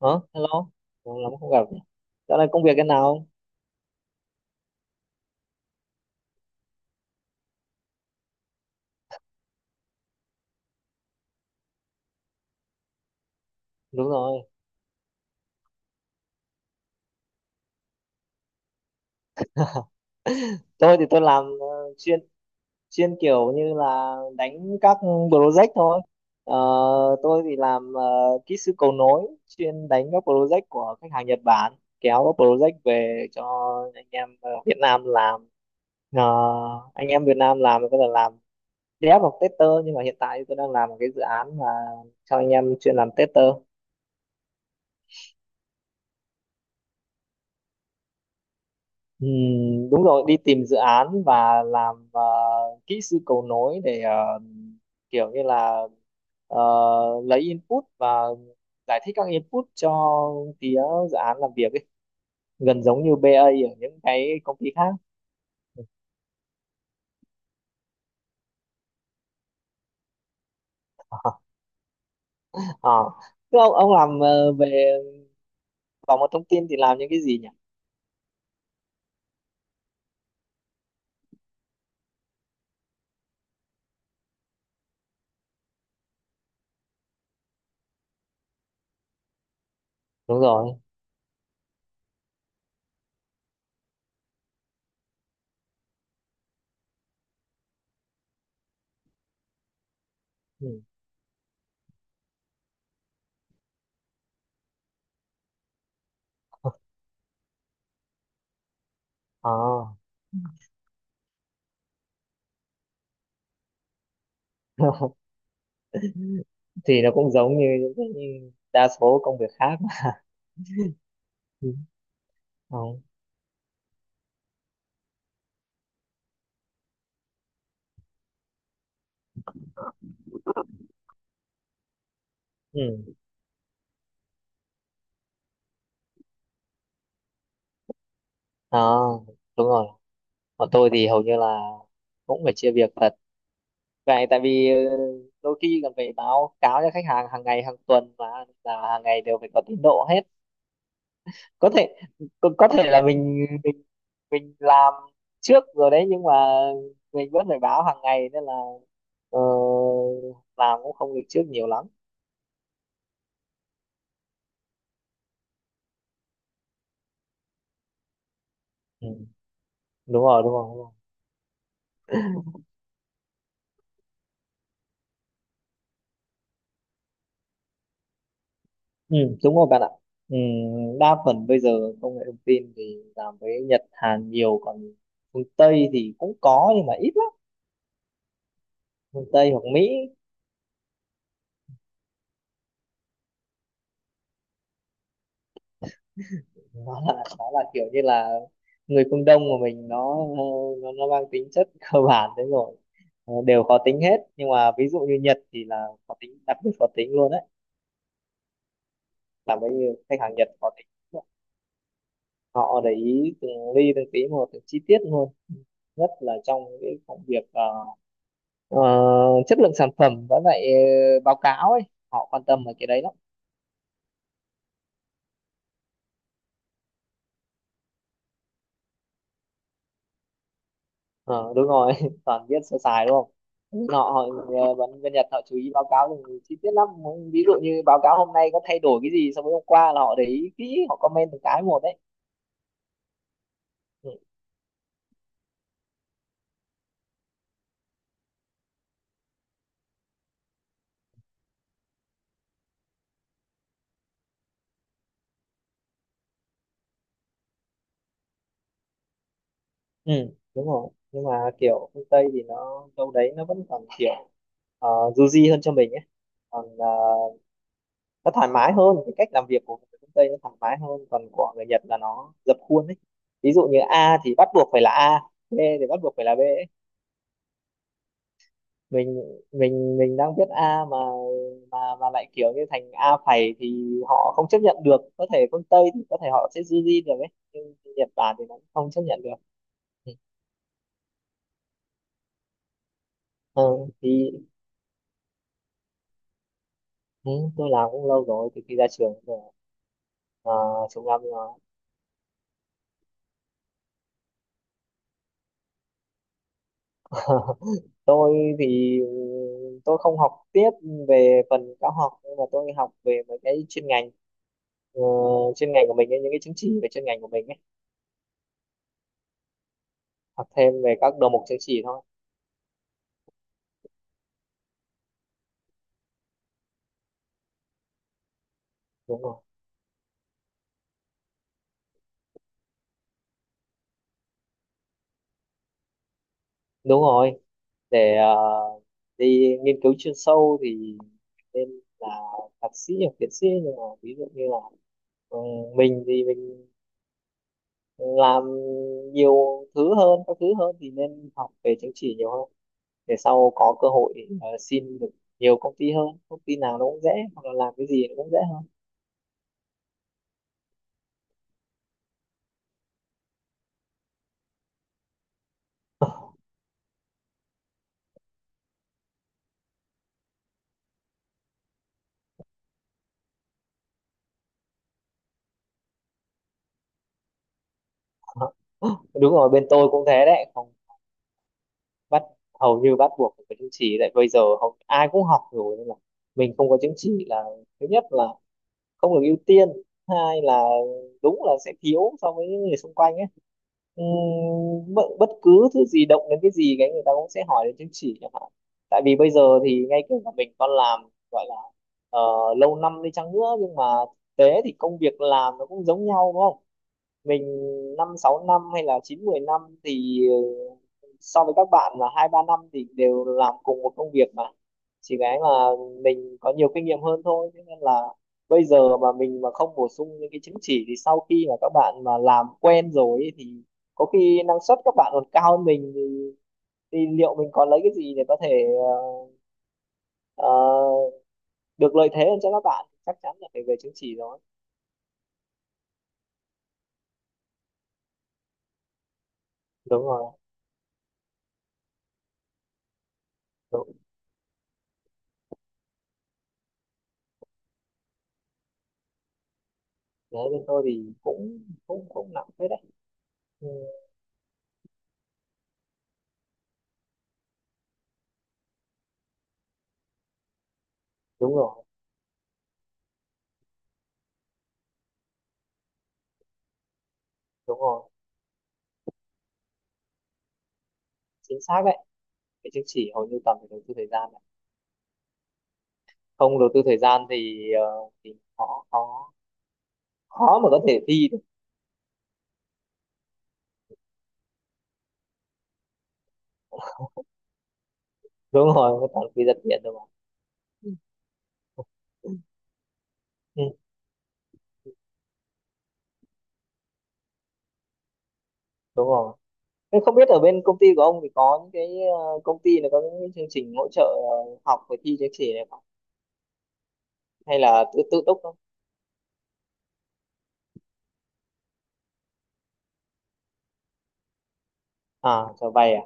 Hả? Hello. Lâu lắm không gặp nhỉ? Dạo này công việc thế nào? Đúng rồi. Tôi thì tôi làm chuyên chuyên kiểu như là đánh các project thôi. Ờ, tôi thì làm kỹ sư cầu nối, chuyên đánh các project của khách hàng Nhật Bản, kéo các project về cho anh em ở Việt Nam làm. Ờ, anh em Việt Nam làm thì có thể làm dev hoặc tester, nhưng mà hiện tại tôi đang làm một cái dự án mà cho anh em chuyên làm tester. Ừ, đúng rồi, đi tìm dự án và làm kỹ sư cầu nối để kiểu như là ờ, lấy input và giải thích các input cho phía dự án làm việc ấy. Gần giống như BA ở những cái công ty khác. Ờ. Thế ông làm về bảo mật thông tin thì làm những cái gì nhỉ? Đúng rồi. Ừ. Ờ. Thì nó cũng giống như những cái đa số công việc khác. Ừ. Ừ. Ừ. Ờ, đúng rồi. Còn tôi thì hầu như là cũng phải chia việc thật. Vậy tại vì đôi khi còn phải báo cáo cho khách hàng hàng ngày, hàng tuần mà, là hàng ngày đều phải có tiến độ hết. Có thể có thể là mình mình làm trước rồi đấy, nhưng mà mình vẫn phải báo hàng ngày nên là ờ, làm cũng không được trước nhiều lắm. Ừ, đúng rồi, đúng rồi, đúng rồi. Ừ, đúng rồi bạn ạ. Ừ, đa phần bây giờ công nghệ thông tin thì làm với Nhật, Hàn nhiều, còn phương Tây thì cũng có nhưng mà ít lắm, miền Tây hoặc Mỹ. Nó là kiểu như là người phương Đông của mình nó nó mang tính chất cơ bản đấy rồi. Ờ, đều khó tính hết, nhưng mà ví dụ như Nhật thì là khó tính, đặc biệt khó tính luôn đấy. Làm bao nhiêu khách hàng Nhật khó tính, họ để ý từng ly từng tí một, từng chi tiết luôn, nhất là trong cái công việc ờ, chất lượng sản phẩm với lại báo cáo ấy, họ quan tâm về cái đấy lắm. Ờ, đúng rồi. Toàn viết sơ sài đúng không? Họ họ bên bên Nhật họ chú ý báo cáo thì chi tiết lắm. Ví dụ như báo cáo hôm nay có thay đổi cái gì so với hôm qua là họ để ý kỹ, họ comment từng cái một đấy. Ừ, ừ, đúng rồi, nhưng mà kiểu phương Tây thì nó đâu đấy nó vẫn còn kiểu du di hơn cho mình ấy. Còn nó thoải mái hơn, cái cách làm việc của người phương Tây nó thoải mái hơn, còn của người Nhật là nó dập khuôn ấy. Ví dụ như A thì bắt buộc phải là A, B thì bắt buộc phải là B. mình mình mình đang viết A mà mà lại kiểu như thành A phẩy thì họ không chấp nhận được. Có thể phương Tây thì có thể họ sẽ duy được ấy, nhưng Nhật Bản thì nó không chấp nhận được. Ừ, thì ừ, tôi làm cũng lâu rồi, từ khi ra trường rồi, chục năm rồi. Tôi thì ừ, tôi không học tiếp về phần cao học, nhưng mà tôi học về mấy cái chuyên ngành, ờ, chuyên ngành của mình ấy, những cái chứng chỉ về chuyên ngành của mình ấy. Học thêm về các đầu mục chứng chỉ thôi. Đúng rồi, đúng rồi, để đi nghiên cứu chuyên sâu thì nên là thạc sĩ hoặc tiến sĩ, nhưng mà ví dụ như là ừ, mình thì mình làm nhiều thứ hơn, các thứ hơn thì nên học về chứng chỉ nhiều hơn, để sau có cơ hội xin được nhiều công ty hơn, công ty nào nó cũng dễ, hoặc là làm cái gì nó cũng dễ hơn. Đúng rồi, bên tôi cũng thế đấy. Không bắt, hầu như bắt buộc phải có chứng chỉ, tại bây giờ hầu ai cũng học rồi nên là mình không có chứng chỉ là thứ nhất là không được ưu tiên, hai là đúng là sẽ thiếu so với những người xung quanh ấy. Bất cứ thứ gì động đến cái gì cái người ta cũng sẽ hỏi đến chứng chỉ chẳng hạn, tại vì bây giờ thì ngay cả mình con làm, gọi là ờ, lâu năm đi chăng nữa, nhưng mà thực tế thì công việc làm nó cũng giống nhau đúng không? Mình năm sáu năm hay là chín mười năm thì so với các bạn là hai ba năm thì đều làm cùng một công việc mà, chỉ cái là mình có nhiều kinh nghiệm hơn thôi. Thế nên là bây giờ mà mình mà không bổ sung những cái chứng chỉ thì sau khi mà các bạn mà làm quen rồi ấy, thì có khi năng suất các bạn còn cao hơn mình thì liệu mình có lấy cái gì để có thể ờ, ờ, được lợi thế hơn cho các bạn, chắc chắn là phải về chứng chỉ rồi. Đúng rồi. Đúng. Đấy bên tôi thì cũng cũng cũng nặng thế đấy. Ừ. Đúng rồi, đúng rồi, chính xác đấy. Cái chứng chỉ hầu như toàn phải đầu tư thời gian đấy. Không đầu tư thời gian thì thì khó khó khó mà có thể thi được. Đúng rồi, toàn quy giật điện thôi mà. Ừ. Ừ. Ừ, đúng rồi. Thế không biết ở bên công ty của ông thì có những cái công ty này có những cái chương trình hỗ trợ học và thi chứng chỉ này không, hay là tự tự túc không? À trở về à.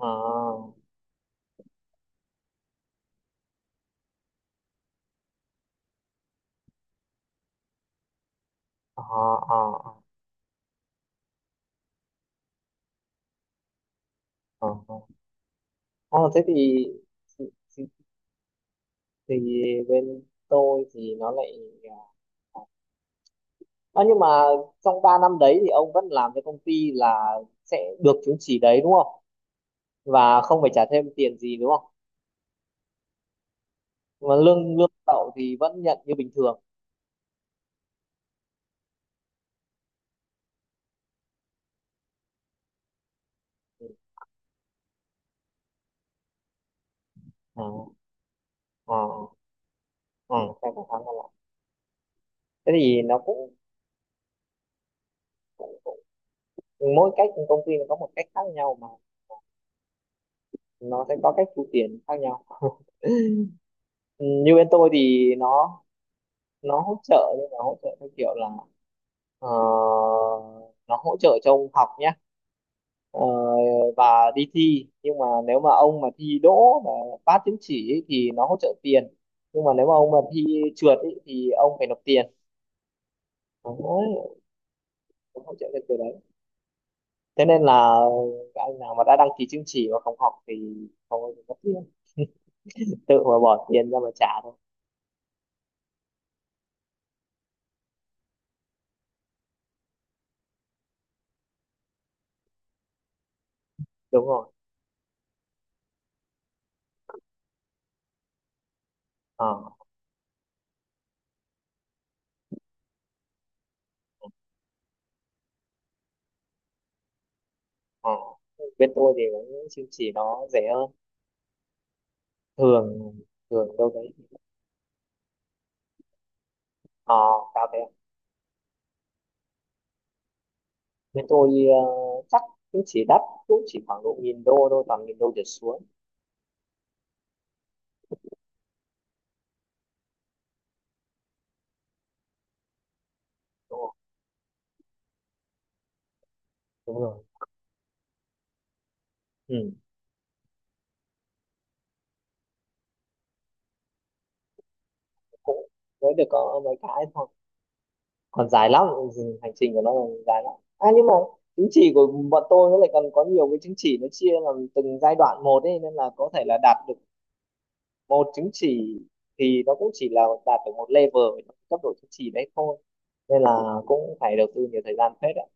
À. À. À. À, à. Ờ. Ờ, thế thì, thì thì thì bên tôi thì nó lại à. Ờ, nhưng mà trong 3 năm đấy thì ông vẫn làm cho công ty là sẽ được chứng chỉ đấy đúng không? Và không phải trả thêm tiền gì đúng không? Mà lương lương đậu thì vẫn nhận như bình thường. Ừ. Ờ, ờ, ờ, cái cũng khá là lạ. Thế thì nó cũng, cũng mỗi cách công ty nó có một cách khác nhau mà, nó sẽ có cách thu tiền khác nhau. Ừ, như bên tôi thì nó hỗ trợ, nhưng mà hỗ trợ theo kiểu là ờ, nó hỗ trợ cho ông học nhé, ờ, và đi thi, nhưng mà nếu mà ông mà thi đỗ mà phát chứng chỉ ấy, thì nó hỗ trợ tiền, nhưng mà nếu mà ông mà thi trượt ấy, thì ông phải nộp tiền. Đấy, cũng hỗ trợ cái từ đấy, thế nên là các anh nào mà đã đăng ký chứng chỉ mà không học thì không có tiền, tự mà bỏ tiền ra mà trả thôi. Đúng rồi. Ờ. Ờ, bên tôi thì cũng chứng chỉ nó rẻ hơn. Thường thường đâu đấy. Ờ, cao thế. Bên tôi chắc chứng chỉ đắt cũng chỉ khoảng độ nghìn đô thôi, toàn nghìn đô trở xuống. Đúng rồi, đúng rồi. Ừ. Cũng mới được có mấy cái thôi, còn dài lắm. Ừ, hành trình của nó còn dài lắm. À nhưng mà chứng chỉ của bọn tôi nó lại còn có nhiều cái, chứng chỉ nó chia làm từng giai đoạn một ấy, nên là có thể là đạt được một chứng chỉ thì nó cũng chỉ là đạt được một level ở trong cấp độ chứng chỉ đấy thôi, nên là cũng phải đầu tư nhiều thời gian phết ạ.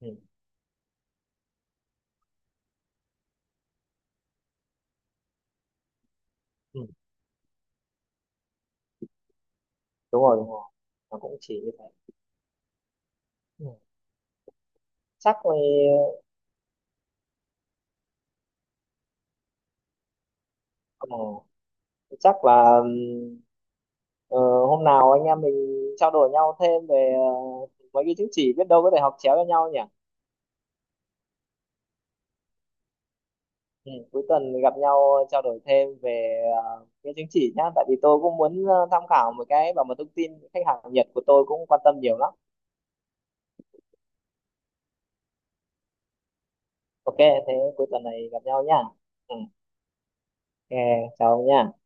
Ừ. Ừ. Đúng rồi, đúng rồi, nó cũng chỉ như thế. Ừ. chắc là ờ, chắc là Ờ, hôm nào anh em mình trao đổi nhau thêm về mấy cái chứng chỉ, biết đâu có thể học chéo cho nhau nhỉ. Ừ, cuối tuần gặp nhau trao đổi thêm về cái chứng chỉ nhá, tại vì tôi cũng muốn tham khảo một cái, bảo mật thông tin khách hàng Nhật của tôi cũng quan tâm nhiều lắm. Ok, thế cuối tuần này gặp nhau nhá. Ừ. Ok, chào ông nhá.